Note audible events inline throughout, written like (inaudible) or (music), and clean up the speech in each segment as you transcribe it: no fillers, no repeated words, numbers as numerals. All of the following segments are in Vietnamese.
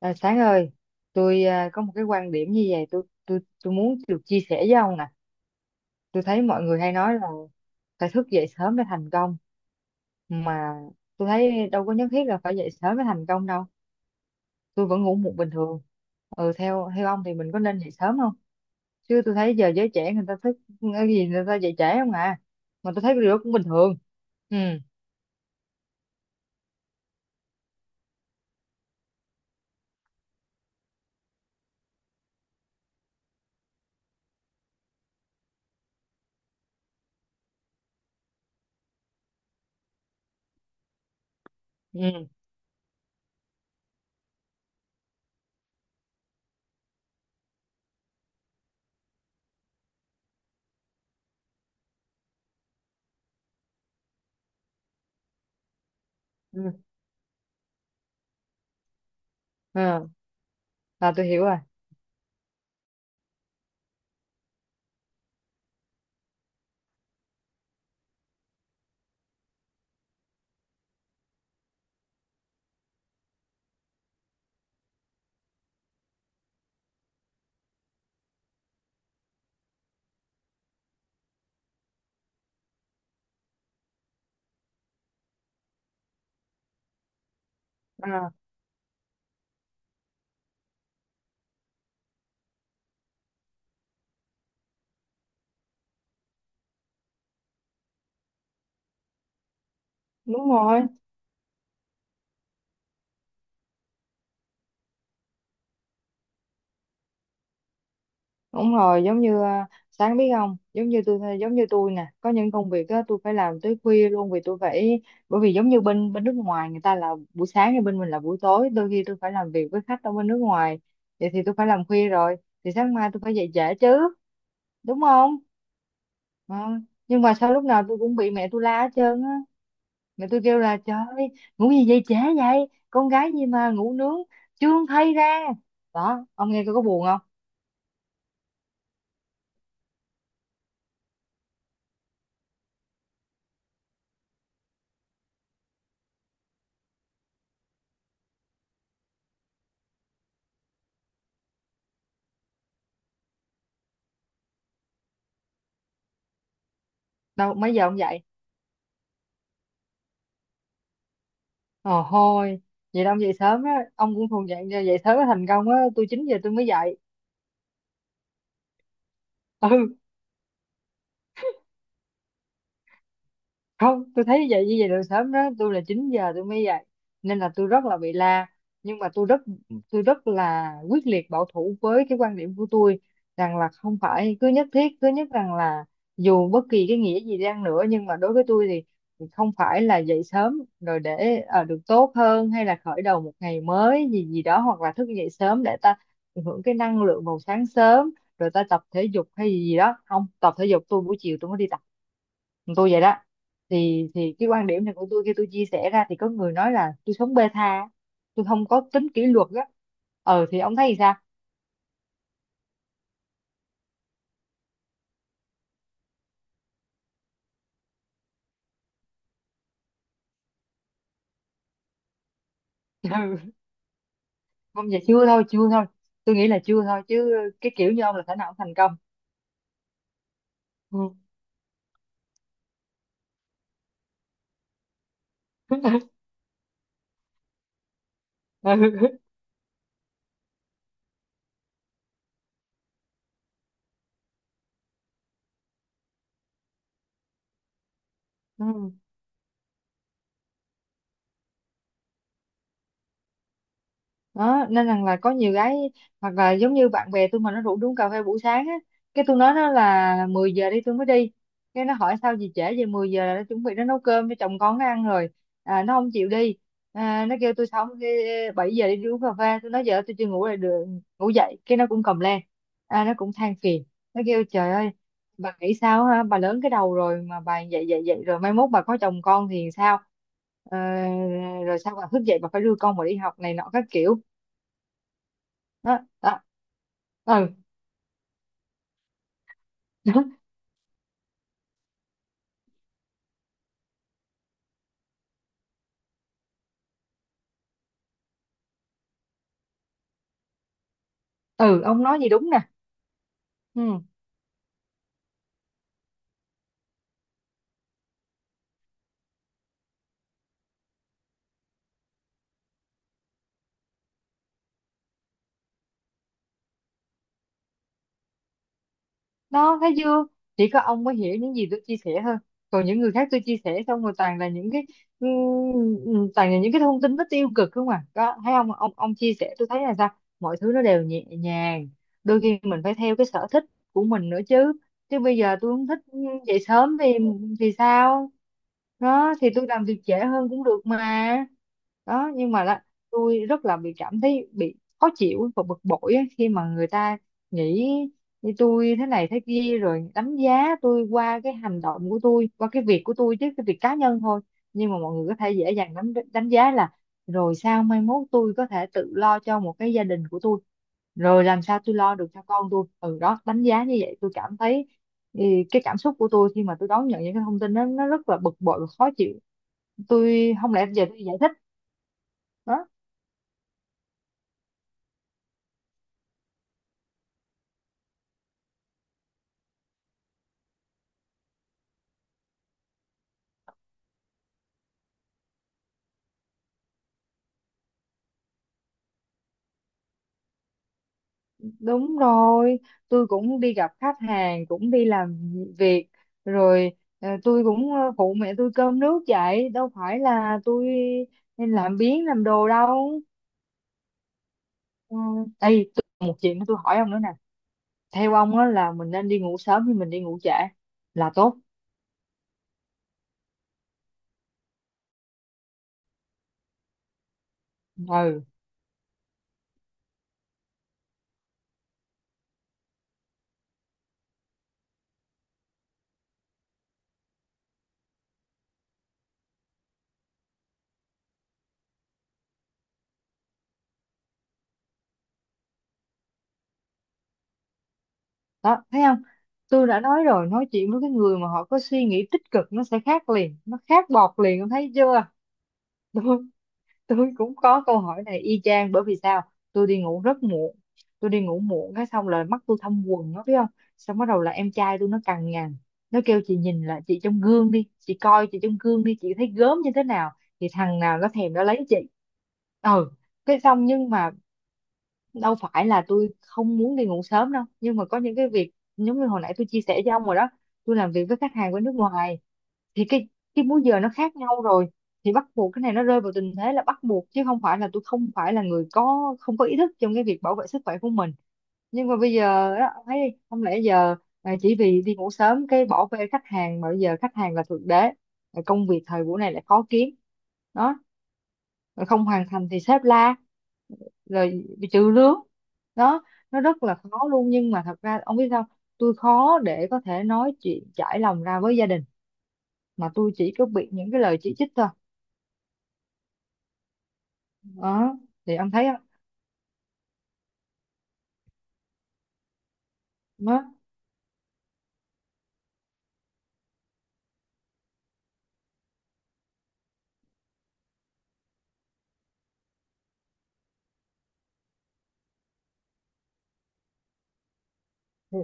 À, Sáng ơi, tôi có một cái quan điểm như vậy, tôi muốn được chia sẻ với ông nè. Tôi thấy mọi người hay nói là phải thức dậy sớm để thành công, mà tôi thấy đâu có nhất thiết là phải dậy sớm để thành công đâu. Tôi vẫn ngủ muộn bình thường. Ừ, theo theo ông thì mình có nên dậy sớm không? Chứ tôi thấy giờ giới trẻ người ta thức cái gì người ta dậy trễ không à? Mà tôi thấy cái điều đó cũng bình thường. Ừ, ừ, ừ, ừ. À, tôi hiểu rồi. À, đúng rồi. Đúng rồi, giống như Sáng biết không, giống như tôi nè, có những công việc á tôi phải làm tới khuya luôn vì tôi phải, bởi vì giống như bên bên nước ngoài người ta là buổi sáng thì bên mình là buổi tối, đôi khi tôi phải làm việc với khách ở bên nước ngoài. Vậy thì tôi phải làm khuya rồi, thì sáng mai tôi phải dậy trễ chứ, đúng không? Ờ. Nhưng mà sao lúc nào tôi cũng bị mẹ tôi la hết trơn á. Mẹ tôi kêu là trời ơi, ngủ gì dậy trễ vậy? Con gái gì mà ngủ nướng chưa thay ra. Đó, ông nghe coi có buồn không? Đâu mấy giờ ông dậy? Ờ thôi, vậy là ông dậy sớm á, ông cũng thuộc dạng dậy sớm mới thành công á, tôi 9 giờ tôi mới dậy. (laughs) Ừ, không tôi thấy vậy như vậy là sớm, đó tôi là 9 giờ tôi mới dậy nên là tôi rất là bị la, nhưng mà tôi rất là quyết liệt bảo thủ với cái quan điểm của tôi rằng là không phải cứ nhất thiết, cứ nhất rằng là dù bất kỳ cái nghĩa gì đi nữa, nhưng mà đối với tôi thì không phải là dậy sớm rồi để được tốt hơn hay là khởi đầu một ngày mới gì gì đó, hoặc là thức dậy sớm để ta tận hưởng cái năng lượng vào sáng sớm rồi ta tập thể dục hay gì gì đó, không tập thể dục, tôi buổi chiều tôi mới đi, tôi vậy đó. Thì cái quan điểm này của tôi khi tôi chia sẻ ra thì có người nói là tôi sống bê tha, tôi không có tính kỷ luật á. Thì ông thấy thì sao? (laughs) Ừ. Không, dạ chưa thôi, chưa thôi, tôi nghĩ là chưa thôi chứ, cái kiểu như ông là khả năng ông thành công. Ừ. (laughs) Ừ. Đó nên rằng là có nhiều gái hoặc là giống như bạn bè tôi mà nó rủ đi uống cà phê buổi sáng á, cái tôi nói nó là 10 giờ đi tôi mới đi, cái nó hỏi sao gì trễ về, 10 giờ là nó chuẩn bị nó nấu cơm cho chồng con nó ăn rồi. À, nó không chịu đi. À, nó kêu tôi xong đi 7 giờ đi, đi uống cà phê, tôi nói giờ tôi chưa ngủ lại được, ngủ dậy cái nó cũng cầm lên. À, nó cũng than phiền, nó kêu trời ơi, bà nghĩ sao ha, bà lớn cái đầu rồi mà bà dậy dậy dậy rồi mai mốt bà có chồng con thì sao? Ờ, rồi sao bà thức dậy bà phải đưa con mà đi học này nọ các kiểu, đó, đó. Ừ. (laughs) Ừ, ông nói gì đúng nè. Ừ, đó thấy chưa, chỉ có ông mới hiểu những gì tôi chia sẻ thôi, còn những người khác tôi chia sẻ xong rồi toàn là những cái, toàn là những cái thông tin nó tiêu cực không à, đó thấy không ông chia sẻ tôi thấy là sao mọi thứ nó đều nhẹ nhàng, đôi khi mình phải theo cái sở thích của mình nữa chứ. Chứ bây giờ tôi không thích dậy sớm thì sao? Đó thì tôi làm việc trễ hơn cũng được mà. Đó, nhưng mà là tôi rất là bị cảm thấy bị khó chịu và bực bội á, khi mà người ta nghĩ như tôi thế này thế kia rồi đánh giá tôi qua cái hành động của tôi, qua cái việc của tôi, chứ cái việc cá nhân thôi, nhưng mà mọi người có thể dễ dàng đánh đánh giá là rồi sao mai mốt tôi có thể tự lo cho một cái gia đình của tôi, rồi làm sao tôi lo được cho con tôi, ừ, đó đánh giá như vậy tôi cảm thấy ừ, cái cảm xúc của tôi khi mà tôi đón nhận những cái thông tin đó nó rất là bực bội và khó chịu, tôi không lẽ giờ tôi giải thích. Đó. Đúng rồi, tôi cũng đi gặp khách hàng, cũng đi làm việc, rồi tôi cũng phụ mẹ tôi cơm nước vậy, đâu phải là tôi nên làm biếng làm đồ đâu. Ừ. Ê, tôi, một chuyện tôi hỏi ông nữa nè, theo ông á là mình nên đi ngủ sớm hay mình đi ngủ trễ là tốt? Ừ, đó, thấy không? Tôi đã nói rồi, nói chuyện với cái người mà họ có suy nghĩ tích cực nó sẽ khác liền, nó khác bọt liền, ông thấy chưa? (laughs) Tôi cũng có câu hỏi này y chang, bởi vì sao, tôi đi ngủ rất muộn, tôi đi ngủ muộn cái xong là mắt tôi thâm quầng nó biết không, xong bắt đầu là em trai tôi nó cằn nhằn, nó kêu chị nhìn là chị trong gương đi, chị coi chị trong gương đi, chị thấy gớm như thế nào, thì thằng nào nó thèm nó lấy chị. Ừ, cái xong nhưng mà đâu phải là tôi không muốn đi ngủ sớm đâu, nhưng mà có những cái việc giống như hồi nãy tôi chia sẻ với ông rồi đó, tôi làm việc với khách hàng bên nước ngoài, thì cái múi giờ nó khác nhau rồi, thì bắt buộc cái này nó rơi vào tình thế là bắt buộc, chứ không phải là tôi không phải là người có không có ý thức trong cái việc bảo vệ sức khỏe của mình, nhưng mà bây giờ đó ông thấy đi, không lẽ giờ chỉ vì đi ngủ sớm cái bỏ bê khách hàng mà bây giờ khách hàng là thượng đế. Rồi công việc thời buổi này lại khó kiếm, đó, rồi không hoàn thành thì sếp la, rồi bị trừ lương, đó, nó rất là khó luôn, nhưng mà thật ra ông biết sao, tôi khó để có thể nói chuyện trải lòng ra với gia đình, mà tôi chỉ có bị những cái lời chỉ trích thôi, đó thì ông thấy không? Đó,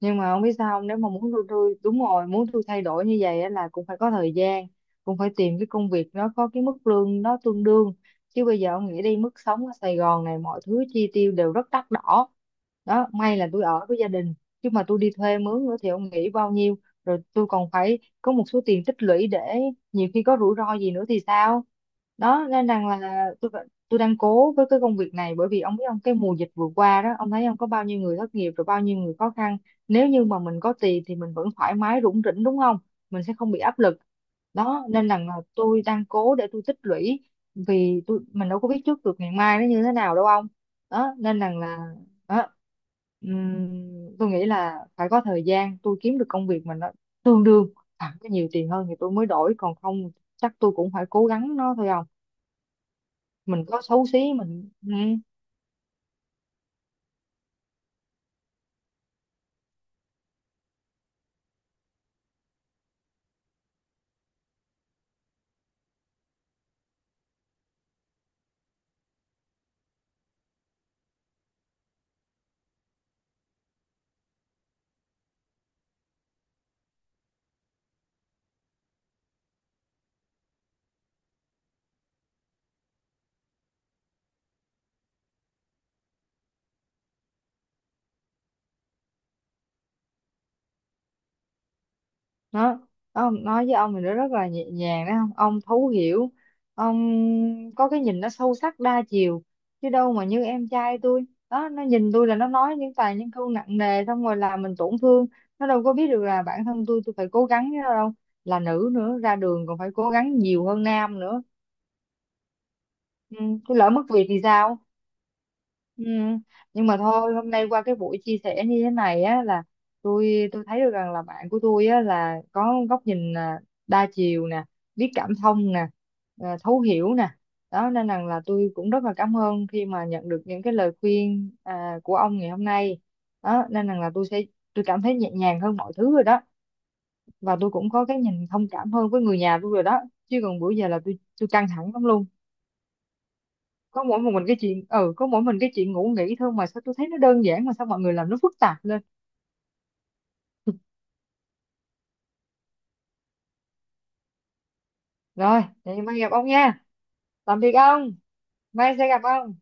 nhưng mà không biết sao không? Nếu mà muốn tôi đúng rồi muốn tôi thay đổi như vậy á là cũng phải có thời gian, cũng phải tìm cái công việc nó có cái mức lương nó tương đương, chứ bây giờ ông nghĩ đi, mức sống ở Sài Gòn này mọi thứ chi tiêu đều rất đắt đỏ, đó, may là tôi ở với gia đình, chứ mà tôi đi thuê mướn nữa thì ông nghĩ bao nhiêu, rồi tôi còn phải có một số tiền tích lũy để nhiều khi có rủi ro gì nữa thì sao. Đó nên rằng là tôi đang cố với cái công việc này, bởi vì ông biết ông, cái mùa dịch vừa qua đó ông thấy ông có bao nhiêu người thất nghiệp rồi bao nhiêu người khó khăn, nếu như mà mình có tiền thì mình vẫn thoải mái rủng rỉnh đúng không, mình sẽ không bị áp lực. Đó nên là tôi đang cố để tôi tích lũy, vì tôi, mình đâu có biết trước được ngày mai nó như thế nào đâu ông. Đó nên là đó, tôi nghĩ là phải có thời gian tôi kiếm được công việc mà nó tương đương hoặc có nhiều tiền hơn thì tôi mới đổi, còn không chắc tôi cũng phải cố gắng nó thôi, không mình có xấu xí, mình nó nó nói với ông thì nó rất là nhẹ nhàng đấy, không ông thấu hiểu, ông có cái nhìn nó sâu sắc đa chiều, chứ đâu mà như em trai tôi, đó nó nhìn tôi là nó nói những toàn những câu nặng nề xong rồi làm mình tổn thương, nó đâu có biết được là bản thân tôi phải cố gắng với nó đâu, là nữ nữa ra đường còn phải cố gắng nhiều hơn nam nữa. ừ, tôi lỡ mất việc thì sao? Ừ. Nhưng mà thôi hôm nay qua cái buổi chia sẻ như thế này á là tôi thấy được rằng là bạn của tôi á là có góc nhìn đa chiều nè, biết cảm thông nè, thấu hiểu nè, đó nên rằng là tôi cũng rất là cảm ơn khi mà nhận được những cái lời khuyên của ông ngày hôm nay. Đó nên rằng là tôi cảm thấy nhẹ nhàng hơn mọi thứ rồi đó, và tôi cũng có cái nhìn thông cảm hơn với người nhà tôi rồi đó, chứ còn bữa giờ là tôi căng thẳng lắm luôn. Có mỗi mình cái chuyện ngủ nghỉ thôi mà sao tôi thấy nó đơn giản mà sao mọi người làm nó phức tạp lên. Rồi vậy mai gặp ông nha, tạm biệt ông, mai sẽ gặp ông.